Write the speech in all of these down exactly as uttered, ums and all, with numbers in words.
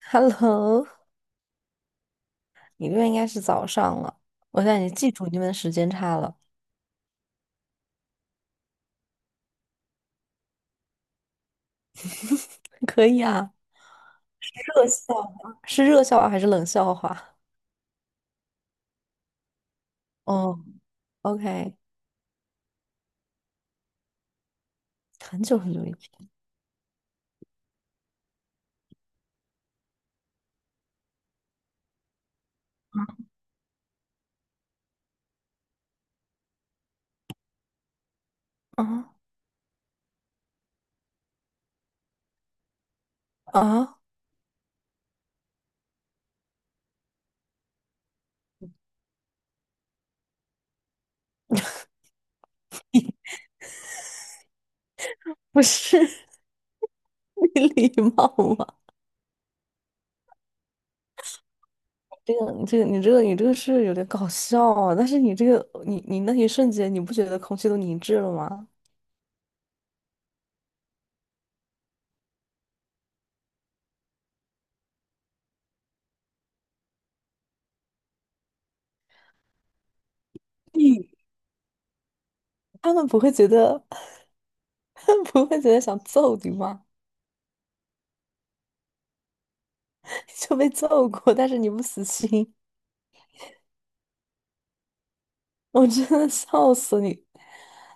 Hello，你这边应该是早上了，我现在已经记住你们的时间差了。可以啊，热笑话是热笑话还是冷笑话？哦，OK，很久很久以前啊啊，不是 你礼貌吗？这个你这个你这个你这个是有点搞笑啊，但是你这个你你那一瞬间你不觉得空气都凝滞了吗？你他们不会觉得 他们不会觉得想揍你吗？就被揍过，但是你不死心。我真的笑死你！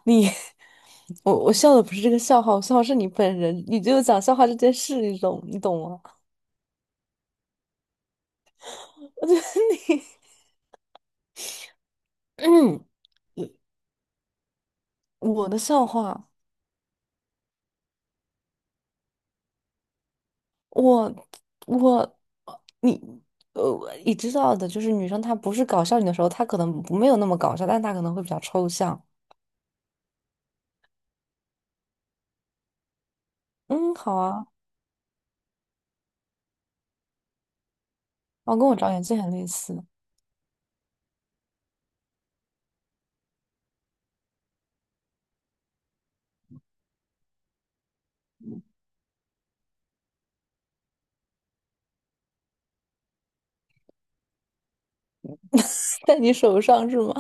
你 我我笑的不是这个笑话，我笑的是你本人，你就讲笑话这件事，你懂你懂吗？我觉得你，嗯，我的笑话，我我你呃，你知道的，就是女生她不是搞笑你的时候，她可能不没有那么搞笑，但她可能会比较抽象。嗯，好啊，哦，跟我长眼睛很类似，在你手上是吗？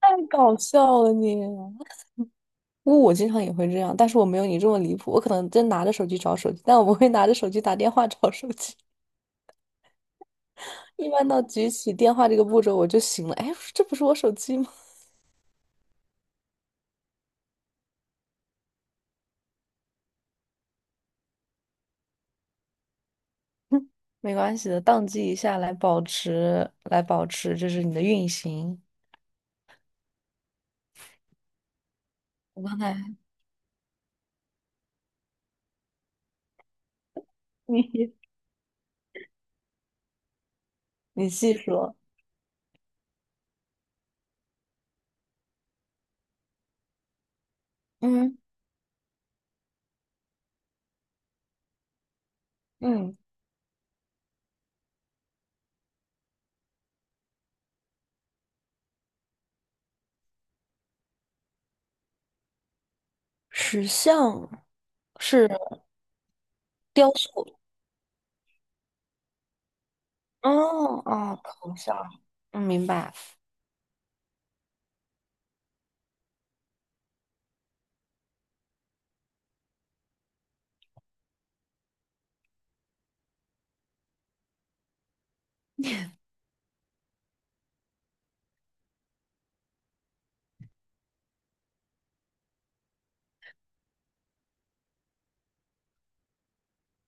太搞笑了你。因为我经常也会这样，但是我没有你这么离谱。我可能真拿着手机找手机，但我不会拿着手机打电话找手机。一般到举起电话这个步骤，我就醒了。哎，这不是我手机吗？没关系的，宕机一下来保持，来保持，这是你的运行。我刚才 你你细说，嗯，嗯，石像是雕塑，哦哦，头像，嗯，明白。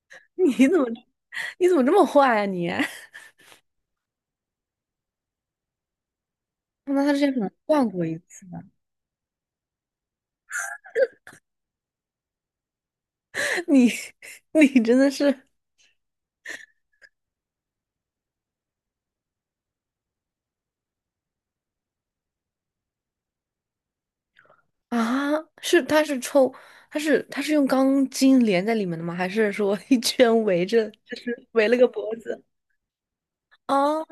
你怎么你怎么这么坏啊你？那他之前可能断过一次。你 你真的是，啊，是他是抽，他是他是用钢筋连在里面的吗？还是说一圈围着，就是围了个脖子。啊？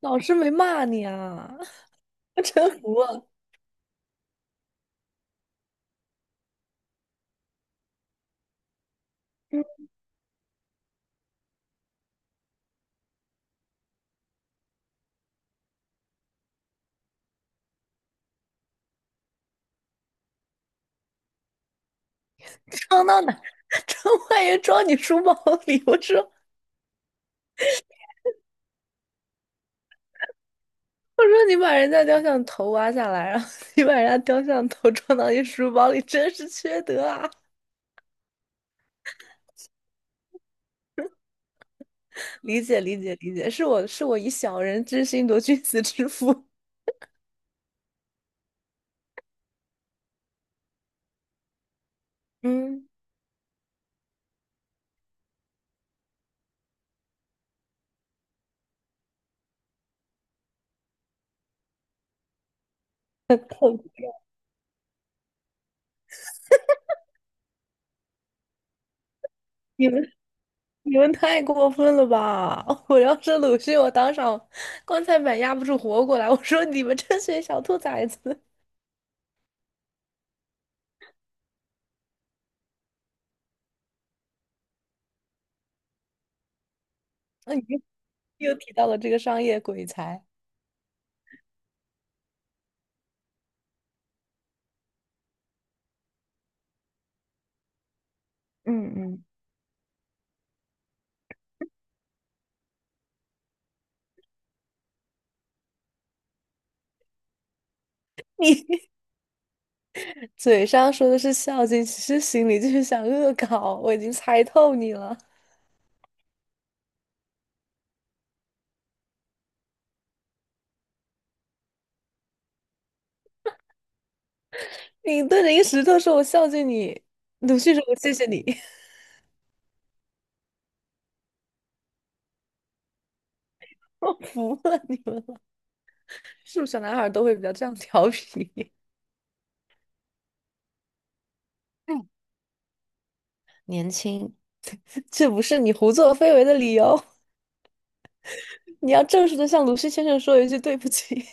老师没骂你啊？我真服了。你装到哪？装万元 装你书包里？我说我说你把人家雕像头挖下来，然后你把人家雕像头装到你书包里，真是缺德啊！理解理解理解，是我是我以小人之心度君子之腹。嗯，你们。你们太过分了吧！我要是鲁迅，我当场棺材板压不住活过来。我说你们这群小兔崽子！那你又又提到了这个商业鬼才，嗯嗯，嘴上说的是孝敬，其实心里就是想恶搞。我已经猜透你了，你对着一个石头说我孝敬你，鲁迅说我谢谢你，我服了你们了。是不是小男孩都会比较这样调皮？哎，年轻，这不是你胡作非为的理由。你要正式的向鲁迅先生说一句对不起。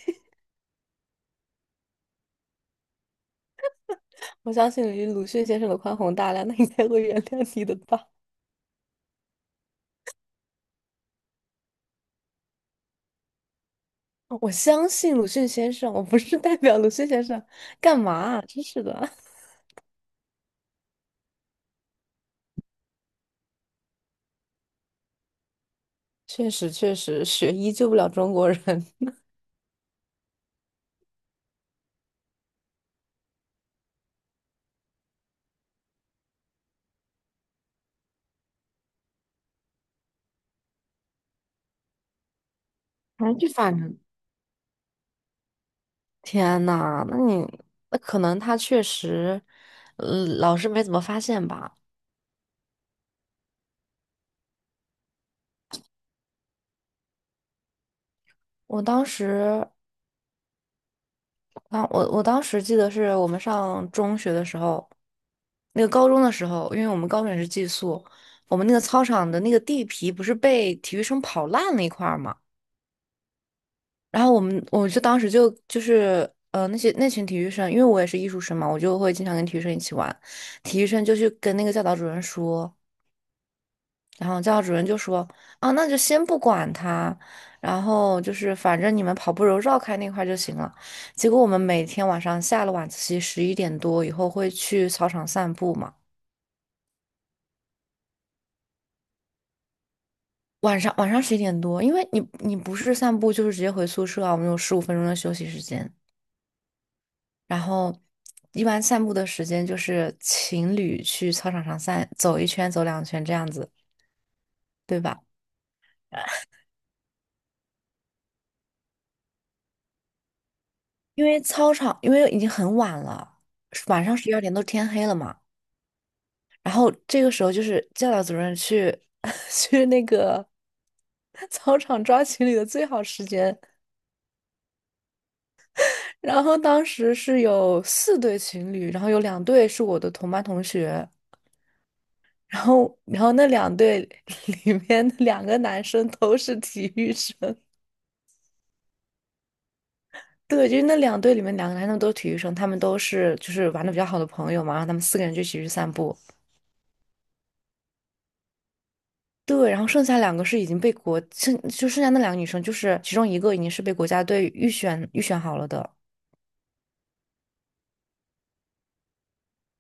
我相信以鲁迅先生的宽宏大量，那应该会原谅你的吧？我相信鲁迅先生，我不是代表鲁迅先生，干嘛啊真是的，确实确实，学医救不了中国人。哎，就反正，天呐，那你那可能他确实，呃，老师没怎么发现吧？我当时。啊，我我当时记得是我们上中学的时候，那个高中的时候，因为我们高中也是寄宿，我们那个操场的那个地皮不是被体育生跑烂了一块儿嘛，然后我们我就当时就就是呃那些那群体育生，因为我也是艺术生嘛，我就会经常跟体育生一起玩，体育生就去跟那个教导主任说。然后教导主任就说："啊，那就先不管他，然后就是反正你们跑步时候绕开那块儿就行了。"结果我们每天晚上下了晚自习十一点多以后会去操场散步嘛。晚上晚上十一点多，因为你你不是散步就是直接回宿舍啊，我们有十五分钟的休息时间。然后一般散步的时间就是情侣去操场上散走一圈、走两圈这样子，对吧？因为操场因为已经很晚了，晚上十二点都天黑了嘛。然后这个时候就是教导主任去 去那个操场抓情侣的最好时间。然后当时是有四对情侣，然后有两对是我的同班同学，然后然后那两对 里面的两个男生都是体育生。对，就是那两队里面两个男生都是体育生，他们都是就是玩的比较好的朋友嘛，然后他们四个人就一起去散步。对，然后剩下两个是已经被国，剩就剩下那两个女生，就是其中一个已经是被国家队预选预选好了的。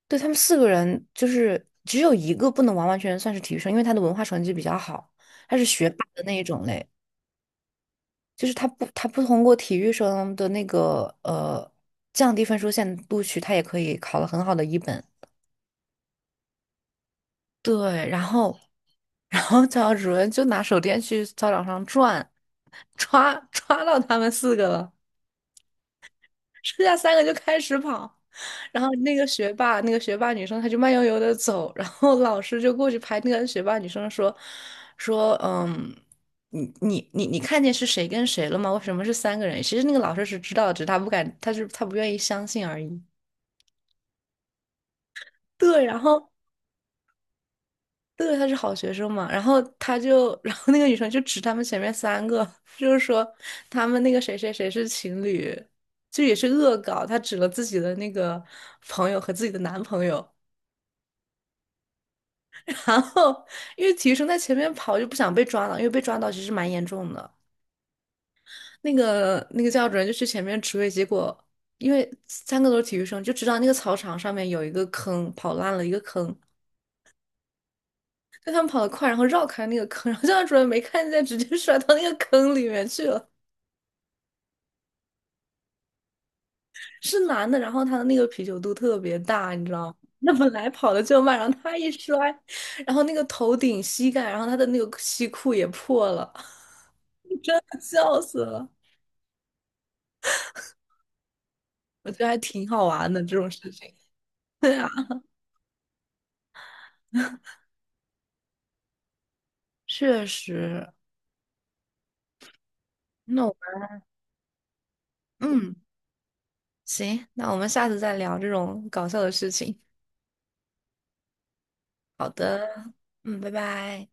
对，他们四个人就是只有一个不能完完全全算是体育生，因为他的文化成绩比较好，他是学霸的那一种类，就是他不他不通过体育生的那个呃降低分数线录取，他也可以考了很好的一本。对，然后然后教导主任就拿手电去操场上转，抓抓到他们四个了。剩下三个就开始跑。然后那个学霸，那个学霸女生，她就慢悠悠的走，然后老师就过去拍那个学霸女生说，说，嗯，你你你你看见是谁跟谁了吗？为什么是三个人？其实那个老师是知道的只是他不敢，他是他不愿意相信而已。对，然后对，他是好学生嘛，然后他就，然后那个女生就指他们前面三个，就是说他们那个谁谁谁是情侣，就也是恶搞，她指了自己的那个朋友和自己的男朋友。然后因为体育生在前面跑，就不想被抓到，因为被抓到其实蛮严重的。那个那个教主任就去前面指挥，结果因为三个都是体育生，就知道那个操场上面有一个坑，跑烂了一个坑，但他们跑得快，然后绕开那个坑，然后教导主任没看见，直接摔到那个坑里面去了。是男的，然后他的那个啤酒肚特别大，你知道吗？那本来跑的就慢，然后他一摔，然后那个头顶、膝盖，然后他的那个西裤也破了，笑死了。我觉得还挺好玩的这种事情。对啊，确实。那我们嗯，行，那我们下次再聊这种搞笑的事情。好的，嗯，拜拜。